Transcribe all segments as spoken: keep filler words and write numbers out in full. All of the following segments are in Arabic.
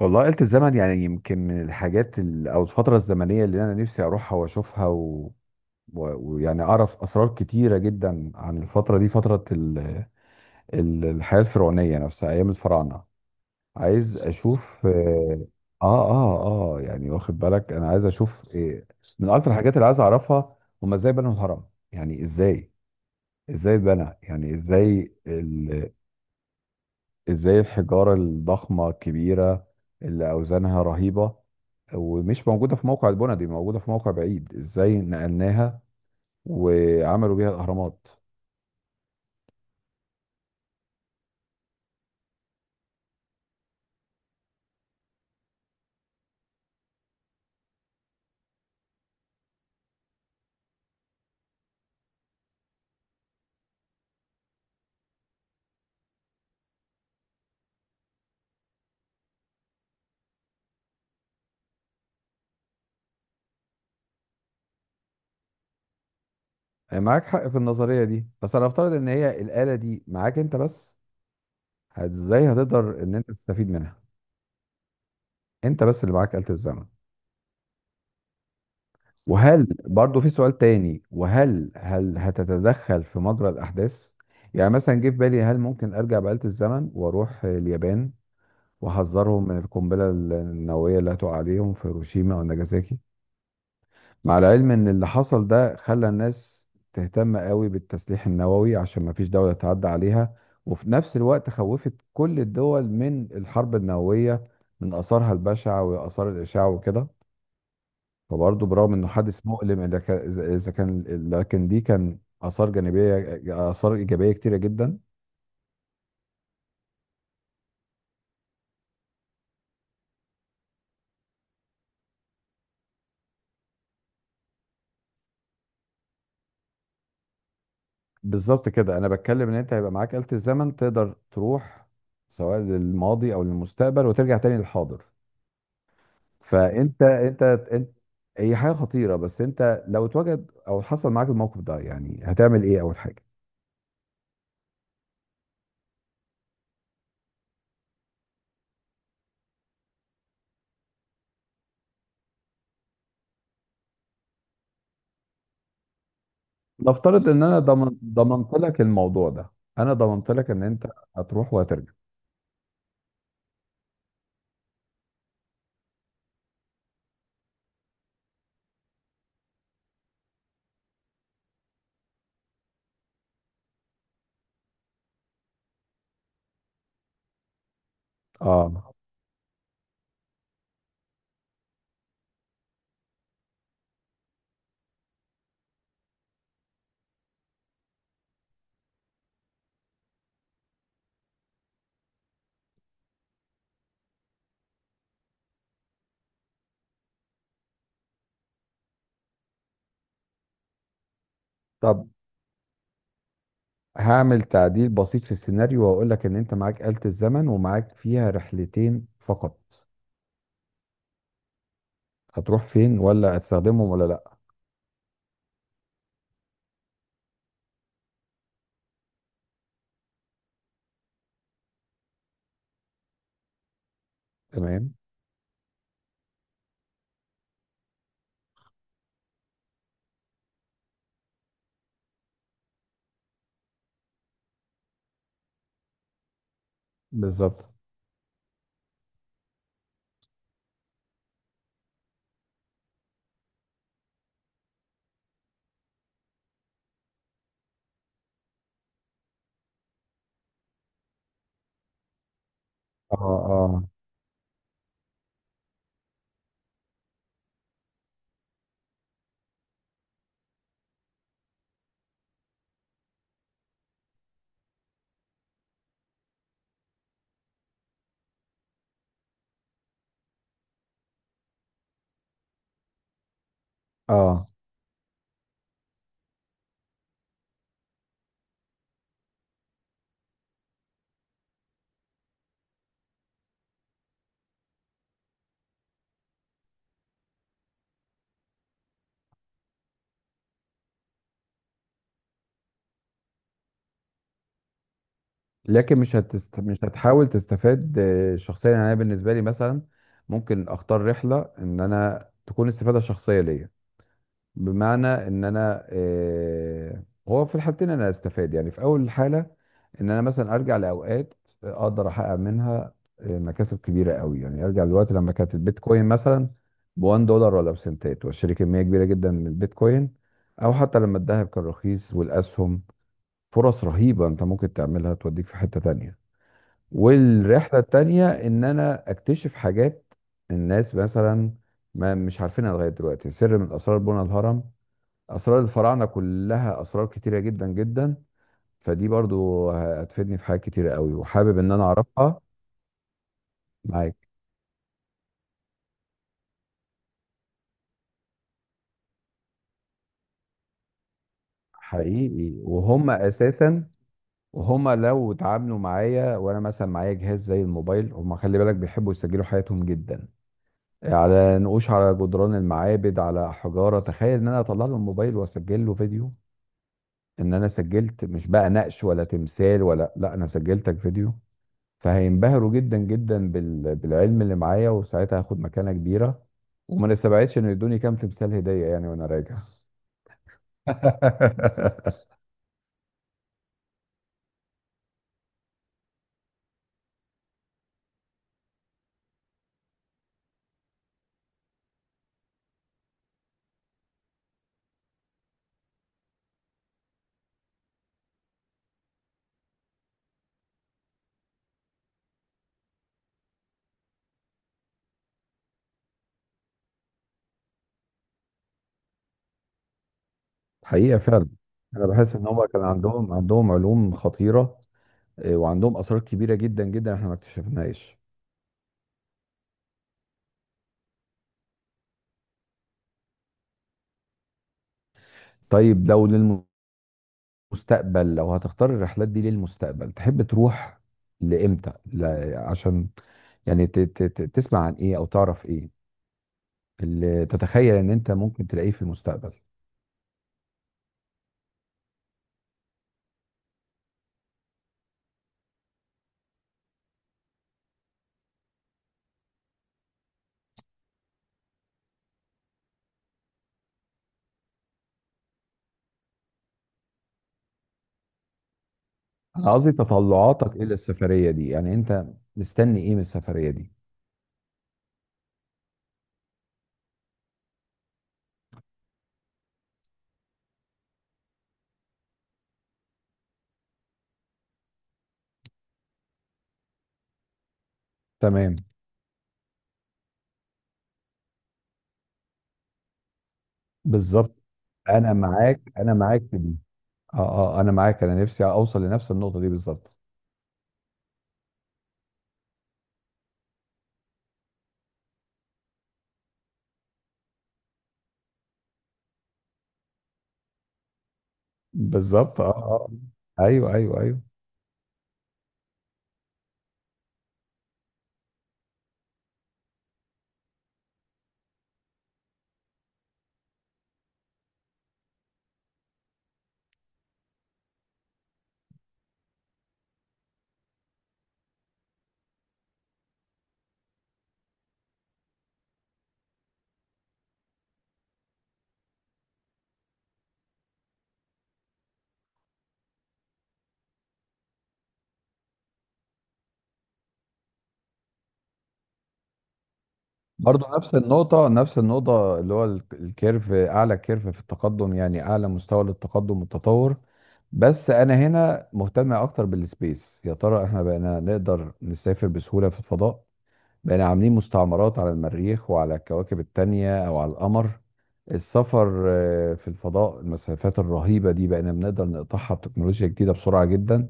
والله آلة الزمن، يعني يمكن من الحاجات ال- او الفترة الزمنية اللي انا نفسي اروحها واشوفها و... و- ويعني اعرف اسرار كتيرة جدا عن الفترة دي، فترة ال... ال- الحياة الفرعونية نفسها، ايام الفراعنة. عايز اشوف. اه. اه. اه. آه، يعني واخد بالك انا عايز اشوف إيه. من اكتر الحاجات اللي عايز اعرفها، هما ازاي بنوا الهرم. يعني ازاي ازاي اتبنى، يعني ازاي ازاي الحجارة الضخمة الكبيرة اللي اوزانها رهيبة، ومش موجودة في موقع، البنى دي موجودة في موقع بعيد، ازاي نقلناها وعملوا بيها الاهرامات. آه، معاك حق في النظرية دي، بس انا افترض ان هي الآلة دي معاك انت بس، ازاي هتقدر ان انت تستفيد منها؟ انت بس اللي معاك آلة الزمن. وهل برضو في سؤال تاني، وهل هل هتتدخل في مجرى الاحداث؟ يعني مثلا جه في بالي، هل ممكن ارجع بآلة الزمن واروح اليابان وحذرهم من القنبلة النووية اللي هتقع عليهم في هيروشيما وناجازاكي، مع العلم ان اللي حصل ده خلى الناس تهتم قوي بالتسليح النووي عشان ما فيش دولة تعدى عليها، وفي نفس الوقت خوفت كل الدول من الحرب النووية، من آثارها البشعة وآثار الإشعاع وكده. فبرضه برغم إنه حادث مؤلم، إذا كان إذا إذا كان لكن دي كان آثار جانبية، آثار إيجابية كتيرة جدا. بالظبط كده، انا بتكلم ان انت هيبقى معاك آلة الزمن، تقدر تروح سواء للماضي او للمستقبل، وترجع تاني للحاضر. فانت انت انت، هي حاجه خطيره، بس انت لو اتوجد او حصل معاك الموقف ده، يعني هتعمل ايه اول حاجه؟ نفترض ان انا ضمن ضمنت لك الموضوع ده، انا ضمنت لك ان انت هتروح وهترجع. اه. طب هعمل تعديل بسيط في السيناريو، واقول لك ان انت معاك آلة الزمن، ومعاك فيها رحلتين فقط، هتروح فين، ولا هتستخدمهم ولا لا؟ تمام. بالظبط. اه. اه. اه. لكن مش هتست... مش هتحاول تستفاد آه، شخصيا، يعني انا بالنسبه لي مثلا ممكن اختار رحله ان انا تكون استفاده شخصيه ليا. بمعنى ان انا آه... هو في الحالتين انا استفاد، يعني في اول حاله ان انا مثلا ارجع لاوقات اقدر احقق منها آه، مكاسب كبيره قوي، يعني ارجع للوقت لما كانت البيتكوين مثلا ب دولار واحد ولا بسنتات، واشتري كميه كبيره جدا من البيتكوين، او حتى لما الذهب كان رخيص، والاسهم، فرص رهيبة انت ممكن تعملها توديك في حتة تانية. والرحلة التانية ان انا اكتشف حاجات الناس مثلا ما مش عارفينها لغاية دلوقتي، سر من اسرار بنى الهرم، اسرار الفراعنة، كلها اسرار كتيرة جدا جدا، فدي برضو هتفيدني في حاجات كتيرة قوي، وحابب ان انا اعرفها. معاك. حقيقي، وهم اساسا، وهم لو اتعاملوا معايا وانا مثلا معايا جهاز زي الموبايل، هم خلي بالك بيحبوا يسجلوا حياتهم جدا، على نقوش على جدران المعابد، على حجاره. تخيل ان انا اطلع له الموبايل واسجل له فيديو، ان انا سجلت، مش بقى نقش ولا تمثال ولا لا، انا سجلتك فيديو. فهينبهروا جدا جدا بال... بالعلم اللي معايا، وساعتها هاخد مكانه كبيره. وما نستبعدش انه يدوني كام تمثال هديه يعني وانا راجع. حقيقه فعلا انا بحس ان هم كان عندهم عندهم علوم خطيره، آه، وعندهم اسرار كبيره جدا جدا احنا ما اكتشفناهاش. طيب لو للم... مستقبل، لو هتختار الرحلات دي للمستقبل، تحب تروح لامتى؟ لا عشان، يعني ت- ت- ت- تسمع عن ايه او تعرف ايه اللي تتخيل ان انت ممكن تلاقيه في المستقبل؟ انا قصدي تطلعاتك الى السفرية دي، يعني انت مستني ايه من السفرية دي؟ تمام. بالظبط. انا معاك، انا معاك في دي. اه. اه. انا معاك، انا نفسي اوصل لنفس النقطة دي بالظبط. بالظبط. اه. اه. ايوه. ايوه. ايوه. برضه نفس النقطة، نفس النقطة اللي هو ال- الكيرف، أعلى كيرف في التقدم، يعني أعلى مستوى للتقدم والتطور. بس أنا هنا مهتم أكتر بالسبيس، يا ترى إحنا بقينا نقدر نسافر بسهولة في الفضاء؟ بقينا عاملين مستعمرات على المريخ وعلى الكواكب التانية أو على القمر؟ السفر آه، في الفضاء، المسافات الرهيبة دي بقينا بنقدر نقطعها بتكنولوجيا جديدة بسرعة جدا.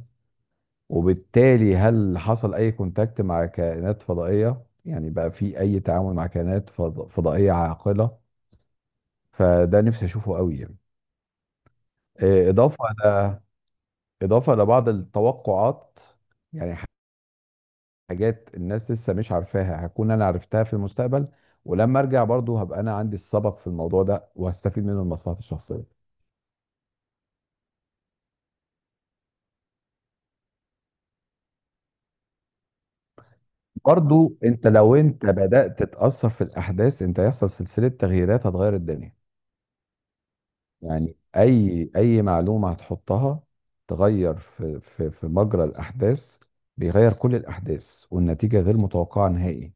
وبالتالي هل حصل أي كونتاكت مع كائنات فضائية، يعني بقى في أي تعامل مع كائنات فض- فضائية عاقلة؟ فده نفسي أشوفه قوي يعني، آه، إضافة ل... إضافة لبعض التوقعات، يعني حاجات الناس لسه مش عارفاها، هكون أنا عرفتها في المستقبل، ولما أرجع برضه هبقى أنا عندي السبق في الموضوع ده وهستفيد منه لمصلحتي الشخصية. برضه أنت لو أنت بدأت تتأثر في الأحداث، أنت هيحصل سلسلة تغييرات هتغير الدنيا. يعني اي اي معلومه هتحطها تغير في في في مجرى الاحداث، بيغير كل الاحداث، والنتيجه غير متوقعه نهائي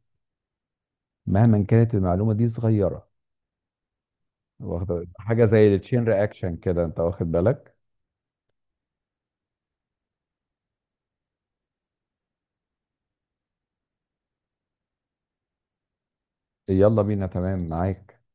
مهما كانت المعلومه دي صغيره. واخد- حاجه زي التشين رياكشن كده، انت واخد بالك؟ يلا بينا. تمام معاك.